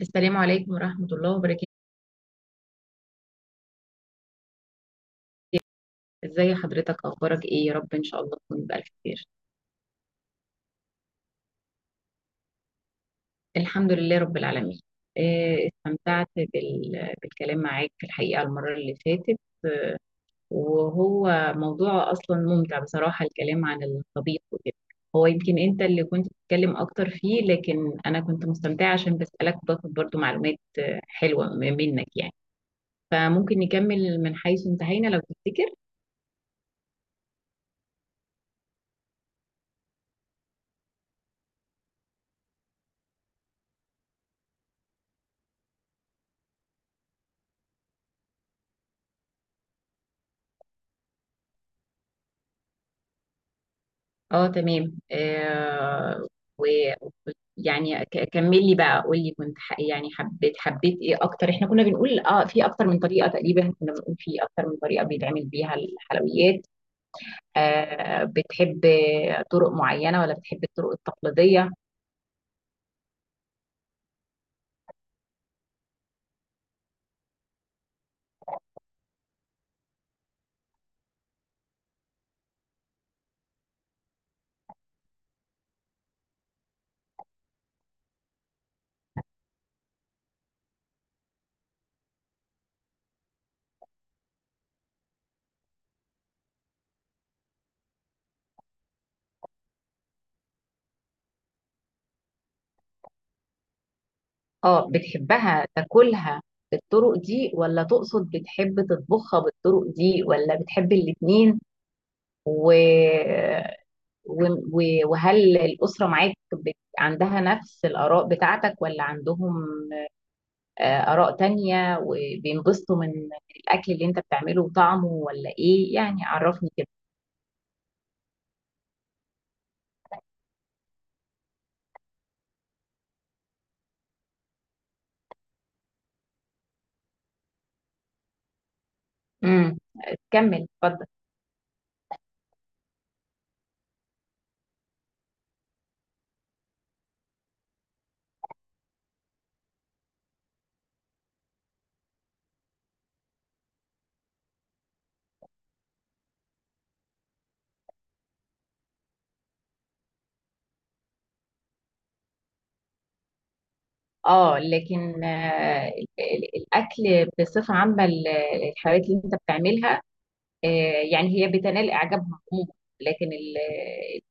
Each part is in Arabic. السلام عليكم ورحمة الله وبركاته. ازي حضرتك، اخبارك ايه؟ يا رب ان شاء الله تكون بألف خير. الحمد لله رب العالمين. استمتعت بالكلام معاك في الحقيقة المرة اللي فاتت، وهو موضوع اصلا ممتع بصراحة، الكلام عن الطبيخ وكده. هو يمكن انت اللي كنت بتتكلم اكتر فيه، لكن انا كنت مستمتعة عشان بسألك باخد برضو معلومات حلوة منك يعني. فممكن نكمل من حيث انتهينا لو تفتكر. اه تمام آه. ويعني كمل لي بقى، قول لي كنت ح... يعني حبيت ايه اكتر؟ احنا كنا بنقول اه في اكتر من طريقة، تقريبا كنا بنقول في اكتر من طريقة بيتعمل بيها الحلويات. آه بتحب طرق معينة ولا بتحب الطرق التقليدية؟ اه بتحبها تاكلها بالطرق دي، ولا تقصد بتحب تطبخها بالطرق دي، ولا بتحب الاتنين؟ و وهل الأسرة معاك عندها نفس الآراء بتاعتك، ولا عندهم آراء تانية، وبينبسطوا من الأكل اللي أنت بتعمله وطعمه، ولا إيه؟ يعني عرفني كده. امم، كمل اتفضل. اه لكن الأكل بصفة عامة، الحلويات اللي أنت بتعملها، آه، يعني هي بتنال إعجابهم عموما، لكن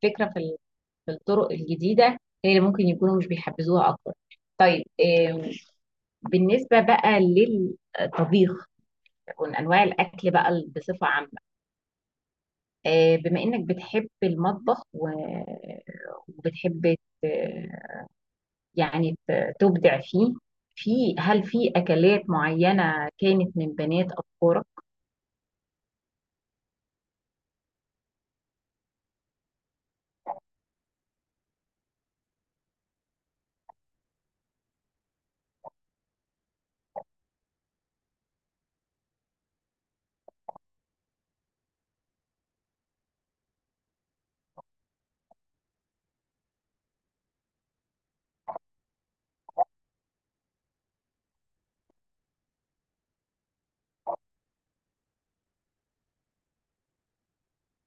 الفكرة في في الطرق الجديدة هي اللي ممكن يكونوا مش بيحبذوها أكتر. طيب بالنسبة بقى للطبيخ ومن أنواع الأكل بقى بصفة عامة، بما إنك بتحب المطبخ و- وبتحب ت- يعني تبدع فيه، في هل في أكلات معينة كانت من بنات أفكارك؟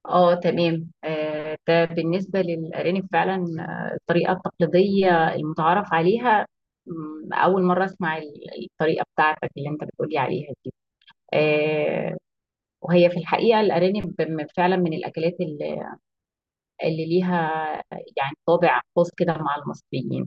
اه تمام. ده بالنسبة للأرانب فعلا الطريقة التقليدية المتعارف عليها. مم، أول مرة أسمع الطريقة بتاعتك اللي أنت بتقولي عليها دي. آه، وهي في الحقيقة الأرانب فعلا من الأكلات اللي ليها يعني طابع خاص كده مع المصريين.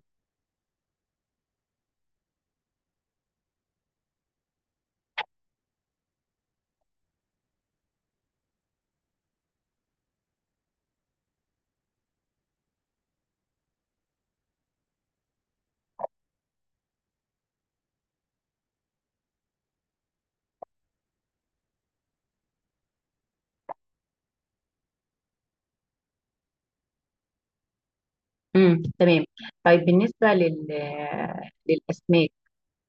تمام. طيب بالنسبة للأسماك،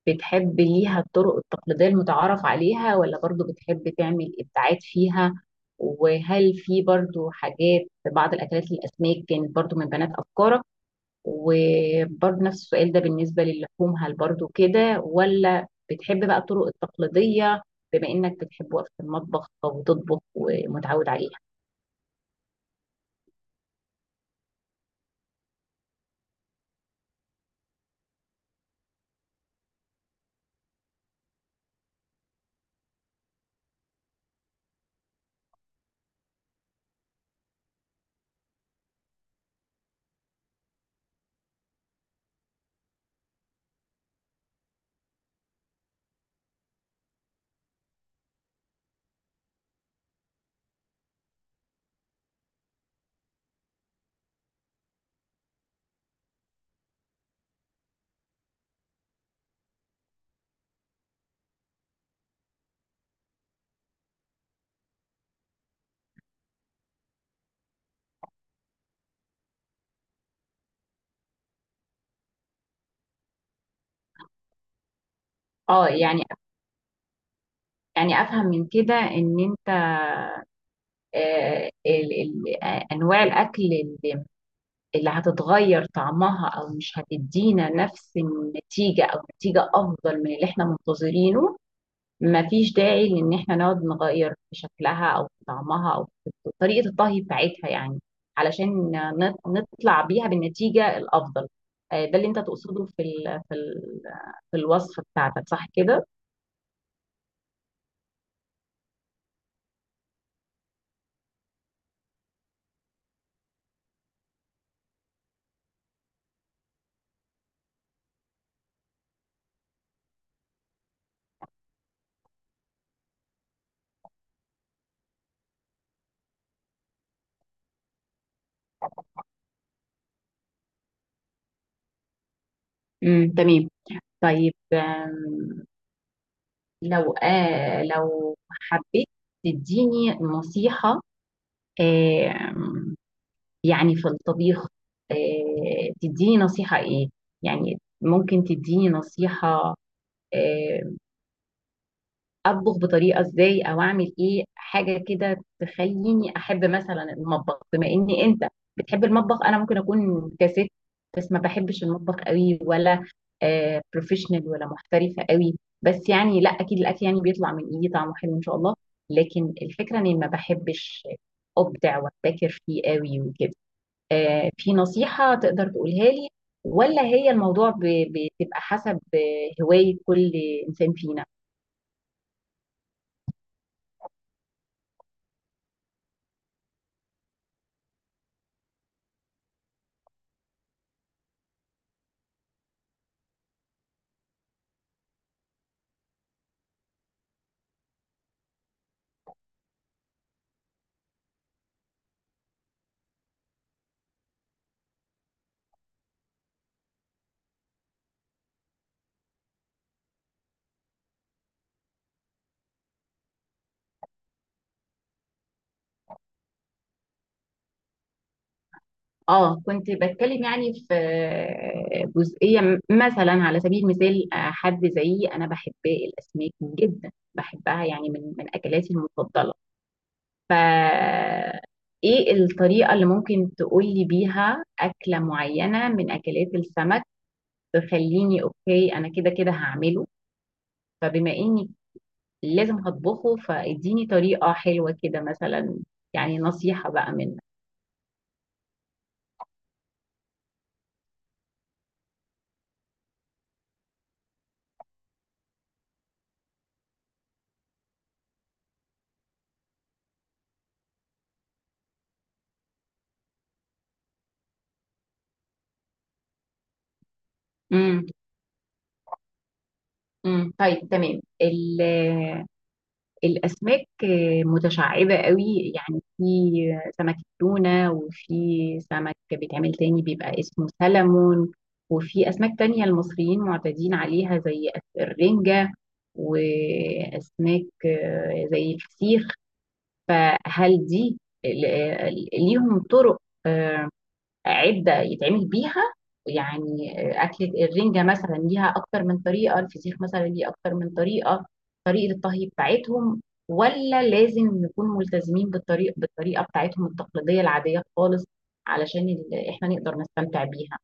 بتحب ليها الطرق التقليدية المتعارف عليها، ولا برضو بتحب تعمل إبداعات فيها؟ وهل في برضو حاجات، بعض الأكلات الأسماك، كانت برضو من بنات أفكارك؟ وبرضه نفس السؤال ده بالنسبة للحوم، هل برضه كده ولا بتحب بقى الطرق التقليدية، بما انك بتحب وقفة المطبخ وتطبخ ومتعود عليها؟ اه يعني، يعني افهم من كده ان انت انواع الاكل اللي هتتغير طعمها، او مش هتدينا نفس النتيجة او نتيجة افضل من اللي احنا منتظرينه، مفيش داعي لان احنا نقعد نغير في شكلها او في طعمها او في طريقة الطهي بتاعتها، يعني علشان نطلع بيها بالنتيجة الافضل. ده اللي انت تقصده في ال في ال في الوصفة بتاعتك، صح كده؟ تمام. طيب آم، لو آه لو حبيت تديني نصيحة، آم، يعني في الطبيخ، تديني نصيحة ايه؟ يعني ممكن تديني نصيحة آه، اطبخ بطريقه ازاي، او اعمل ايه حاجه كده تخليني احب مثلا المطبخ، بما ان انت بتحب المطبخ. انا ممكن اكون كست، بس ما بحبش المطبخ قوي ولا آه بروفيشنال ولا محترفه قوي. بس يعني لا، اكيد الاكل يعني بيطلع من ايدي طعمه حلو ان شاء الله، لكن الفكره اني ما بحبش ابدع وابتكر فيه قوي وكده. في نصيحه تقدر تقولها لي، ولا هي الموضوع بتبقى حسب هوايه كل انسان فينا؟ اه كنت بتكلم يعني في جزئية مثلا، على سبيل المثال حد زيي انا بحب الاسماك جدا، بحبها يعني من اكلاتي المفضلة، ف ايه الطريقة اللي ممكن تقولي بيها اكلة معينة من اكلات السمك تخليني اوكي انا كده كده هعمله؟ فبما اني لازم هطبخه، فاديني طريقة حلوة كده مثلا، يعني نصيحة بقى منك. امم امم طيب تمام. الأسماك متشعبة قوي، يعني في سمك التونة، وفي سمك بيتعمل تاني بيبقى اسمه سلمون، وفي أسماك تانية المصريين معتادين عليها زي الرنجة، وأسماك زي الفسيخ، فهل دي ليهم طرق عدة يتعمل بيها؟ يعني أكلة الرنجة مثلا ليها أكتر من طريقة، الفسيخ مثلا ليه أكتر من طريقة، طريقة الطهي بتاعتهم، ولا لازم نكون ملتزمين بالطريقة بتاعتهم التقليدية العادية خالص علشان إحنا نقدر نستمتع بيها؟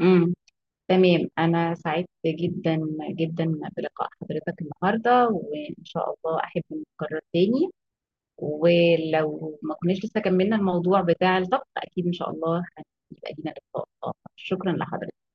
امم تمام. انا سعدت جدا جدا بلقاء حضرتك النهارده، وان شاء الله احب نتكرر تاني، ولو ما كناش لسه كملنا الموضوع بتاع الطبخ اكيد ان شاء الله هيبقى لينا لقاء اخر. شكرا لحضرتك.